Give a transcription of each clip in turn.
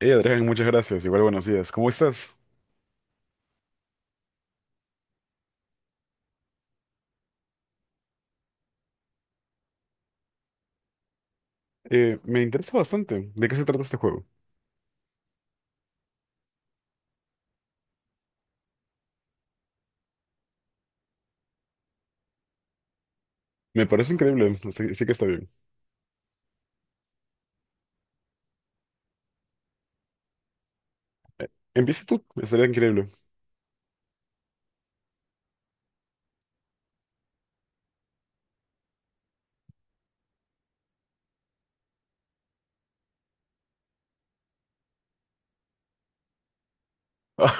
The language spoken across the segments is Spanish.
Adrián, muchas gracias. Igual buenos días. ¿Cómo estás? Me interesa bastante. ¿De qué se trata este juego? Me parece increíble. Así que está bien. Empieza tú. Estaría increíble.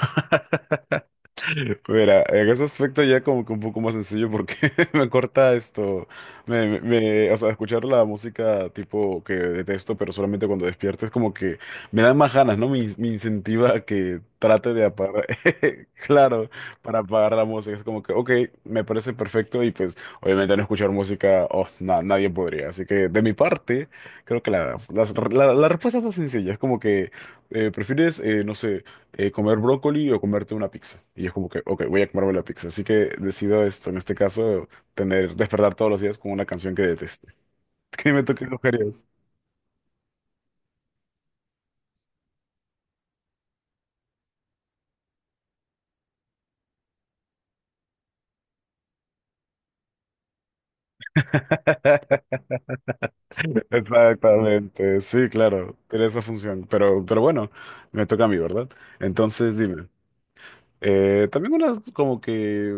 Mira, en ese aspecto ya como que un poco más sencillo porque me corta esto, o sea, escuchar la música tipo que detesto, pero solamente cuando despierto es como que me da más ganas, ¿no? Me incentiva a que trate de apagar, claro, para apagar la música. Es como que, ok, me parece perfecto y pues obviamente no escuchar música, nadie podría. Así que de mi parte, creo que la respuesta está sencilla, es como que prefieres, no sé, comer brócoli o comerte una pizza. Y es como que, ok, voy a comerme la pizza. Así que decido esto, en este caso, despertar todos los días con una canción que deteste. ¿Qué me toque brujerías? Exactamente, sí, claro, tiene esa función. Pero bueno, me toca a mí, ¿verdad? Entonces, dime, también una como que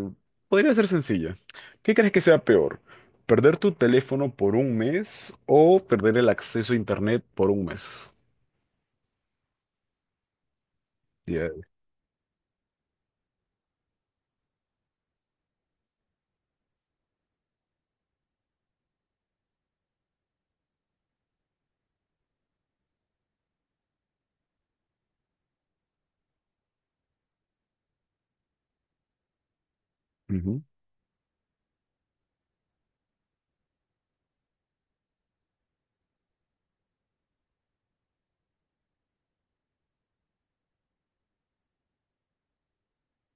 podría ser sencilla. ¿Qué crees que sea peor? ¿Perder tu teléfono por un mes o perder el acceso a internet por un mes? Ya.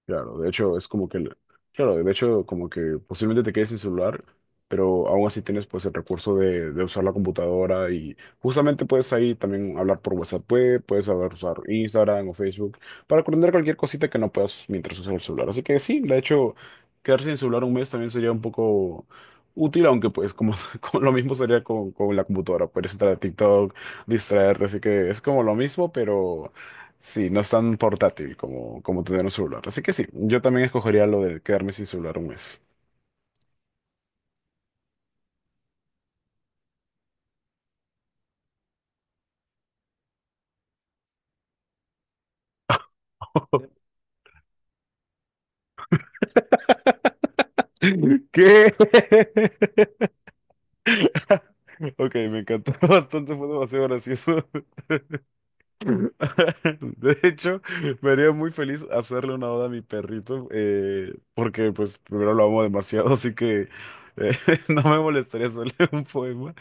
Claro, de hecho es como que, claro, de hecho como que posiblemente te quedes sin celular, pero aún así tienes pues el recurso de usar la computadora y justamente puedes ahí también hablar por WhatsApp, puedes saber usar Instagram o Facebook para aprender cualquier cosita que no puedas mientras usas el celular. Así que sí, de hecho quedarse sin celular un mes también sería un poco útil, aunque pues como, como lo mismo sería con la computadora, puedes entrar a TikTok, distraerte, así que es como lo mismo, pero... Sí, no es tan portátil como tener un celular. Así que sí, yo también escogería lo de quedarme sin celular un mes. ¿Qué? Ok, me encantó bastante, fue demasiado gracioso. De hecho, me haría muy feliz hacerle una oda a mi perrito, porque pues primero lo amo demasiado, así que eh, no me molestaría hacerle un poema.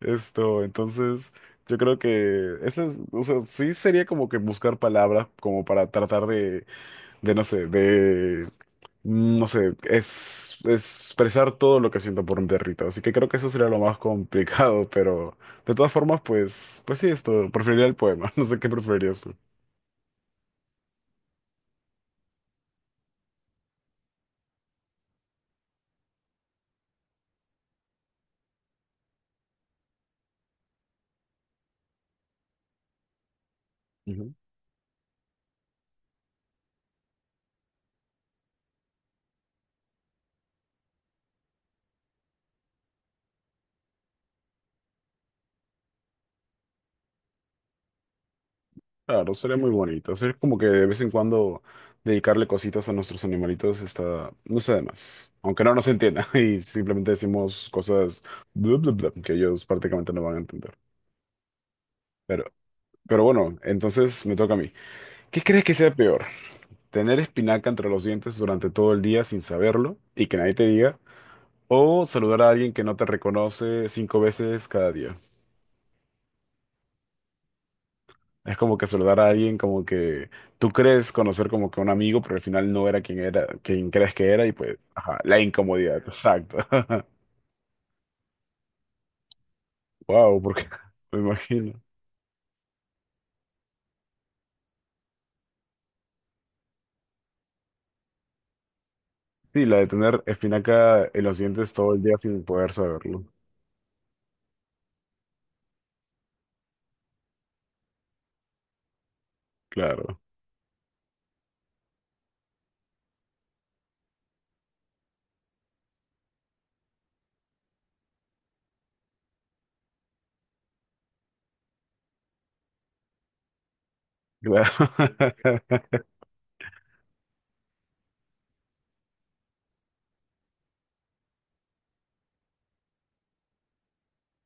Esto, entonces, yo creo que o sea, sí sería como que buscar palabras como para tratar de, no sé, No sé, es expresar todo lo que siento por un perrito, así que creo que eso sería lo más complicado, pero de todas formas, pues, sí, esto, preferiría el poema, no sé qué preferirías tú. Ujú. Claro, sería muy bonito, es como que de vez en cuando dedicarle cositas a nuestros animalitos está, no sé de más, aunque no nos entienda y simplemente decimos cosas bla, bla, bla, que ellos prácticamente no van a entender, pero, pero bueno, entonces me toca a mí. ¿Qué crees que sea peor? ¿Tener espinaca entre los dientes durante todo el día sin saberlo y que nadie te diga, o saludar a alguien que no te reconoce cinco veces cada día? Es como que saludar a alguien como que tú crees conocer como que un amigo, pero al final no era quien era, quien crees que era y pues, ajá, la incomodidad. Exacto. Wow, porque me imagino. Sí, la de tener espinaca en los dientes todo el día sin poder saberlo. Claro, claro.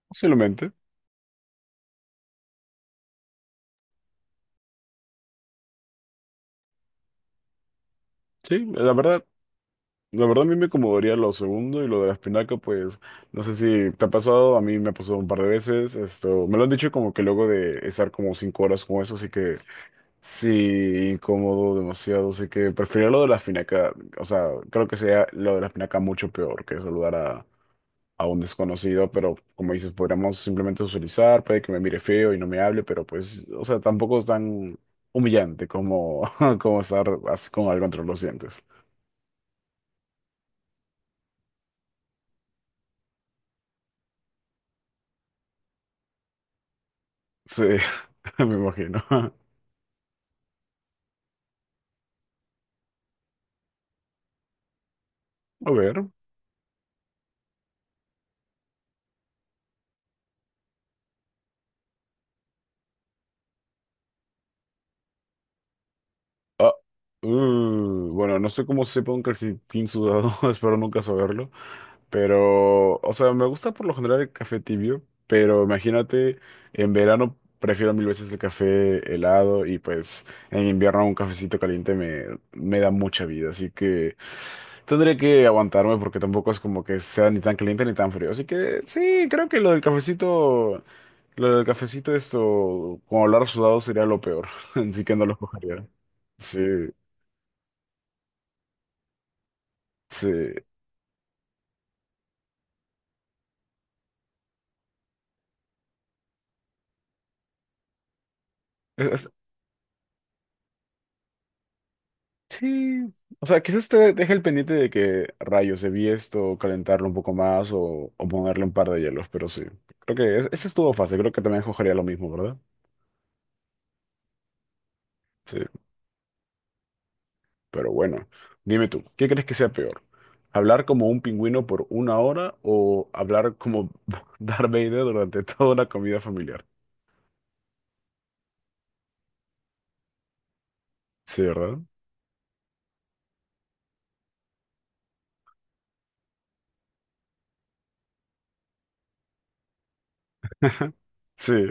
Posiblemente. Sí, la verdad. La verdad a mí me acomodaría lo segundo y lo de la espinaca, pues no sé si te ha pasado, a mí me ha pasado un par de veces, esto, me lo han dicho como que luego de estar como 5 horas con eso, así que sí, incómodo demasiado, así que preferiría lo de la espinaca, o sea, creo que sería lo de la espinaca mucho peor que saludar a un desconocido, pero como dices, podríamos simplemente socializar, puede que me mire feo y no me hable, pero pues, o sea, tampoco es tan humillante como, como estar así con algo entre los dientes. Sí, me imagino. A ver. Ah, bueno, no sé cómo sepa un calcetín sudado, espero nunca saberlo. Pero, o sea, me gusta por lo general el café tibio, pero imagínate, en verano prefiero mil veces el café helado y pues en invierno un cafecito caliente me da mucha vida. Así que tendré que aguantarme porque tampoco es como que sea ni tan caliente ni tan frío. Así que sí, creo que lo del cafecito, esto, como hablar sudado sería lo peor, así que no lo cogería. Sí, sí. Es- es- sí. O sea, quizás te deje el pendiente de que rayos debí esto, calentarlo un poco más o ponerle un par de hielos, pero sí. Creo que ese estuvo fácil, creo que también cogería lo mismo, ¿verdad? Sí, pero bueno, dime tú, ¿qué crees que sea peor? ¿Hablar como un pingüino por una hora o hablar como Darth Vader durante toda una comida familiar? Sí, ¿verdad? Sí,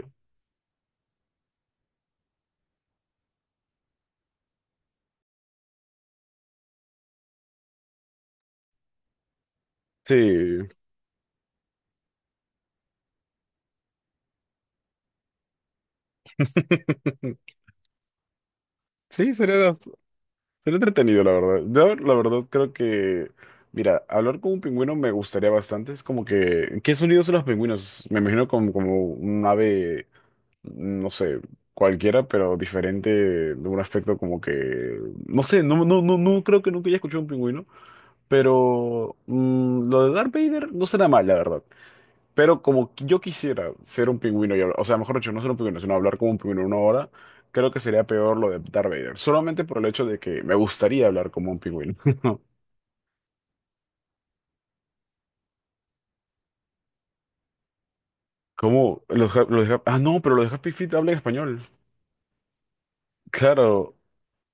sí, sí, sería entretenido, la verdad. Yo, la verdad, creo que, mira, hablar con un pingüino me gustaría bastante. Es como que, ¿qué sonidos son los pingüinos? Me imagino como, como un ave, no sé, cualquiera, pero diferente de un aspecto como que, no sé, no, no, no, no creo que nunca haya escuchado un pingüino, pero lo de Darth Vader no será mal, la verdad. Pero como que yo quisiera ser un pingüino y hablar, o sea, mejor dicho, no ser un pingüino, sino hablar como un pingüino una hora, creo que sería peor lo de Darth Vader. Solamente por el hecho de que me gustaría hablar como un pingüino. ¿Cómo? No, pero los de Happy Feet hablan español. Claro,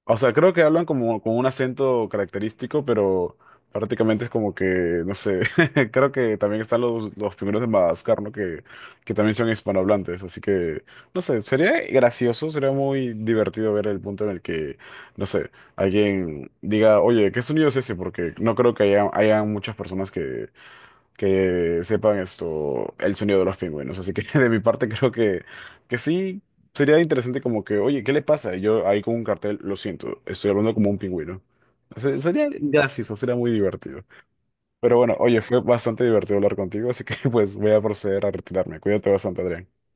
o sea, creo que hablan como con un acento característico, pero prácticamente es como que, no sé, creo que también están los primeros de Madagascar, ¿no? Que también son hispanohablantes, así que, no sé, sería gracioso, sería muy divertido ver el punto en el que, no sé, alguien diga, oye, ¿qué sonido es ese? Porque no creo que haya muchas personas que sepan esto, el sonido de los pingüinos. Así que de mi parte creo que, sí sería interesante como que, oye, ¿qué le pasa? Y yo ahí con un cartel, lo siento, estoy hablando como un pingüino. Sería gracioso, sería muy divertido. Pero bueno, oye, fue bastante divertido hablar contigo, así que pues voy a proceder a retirarme. Cuídate bastante, Adrián.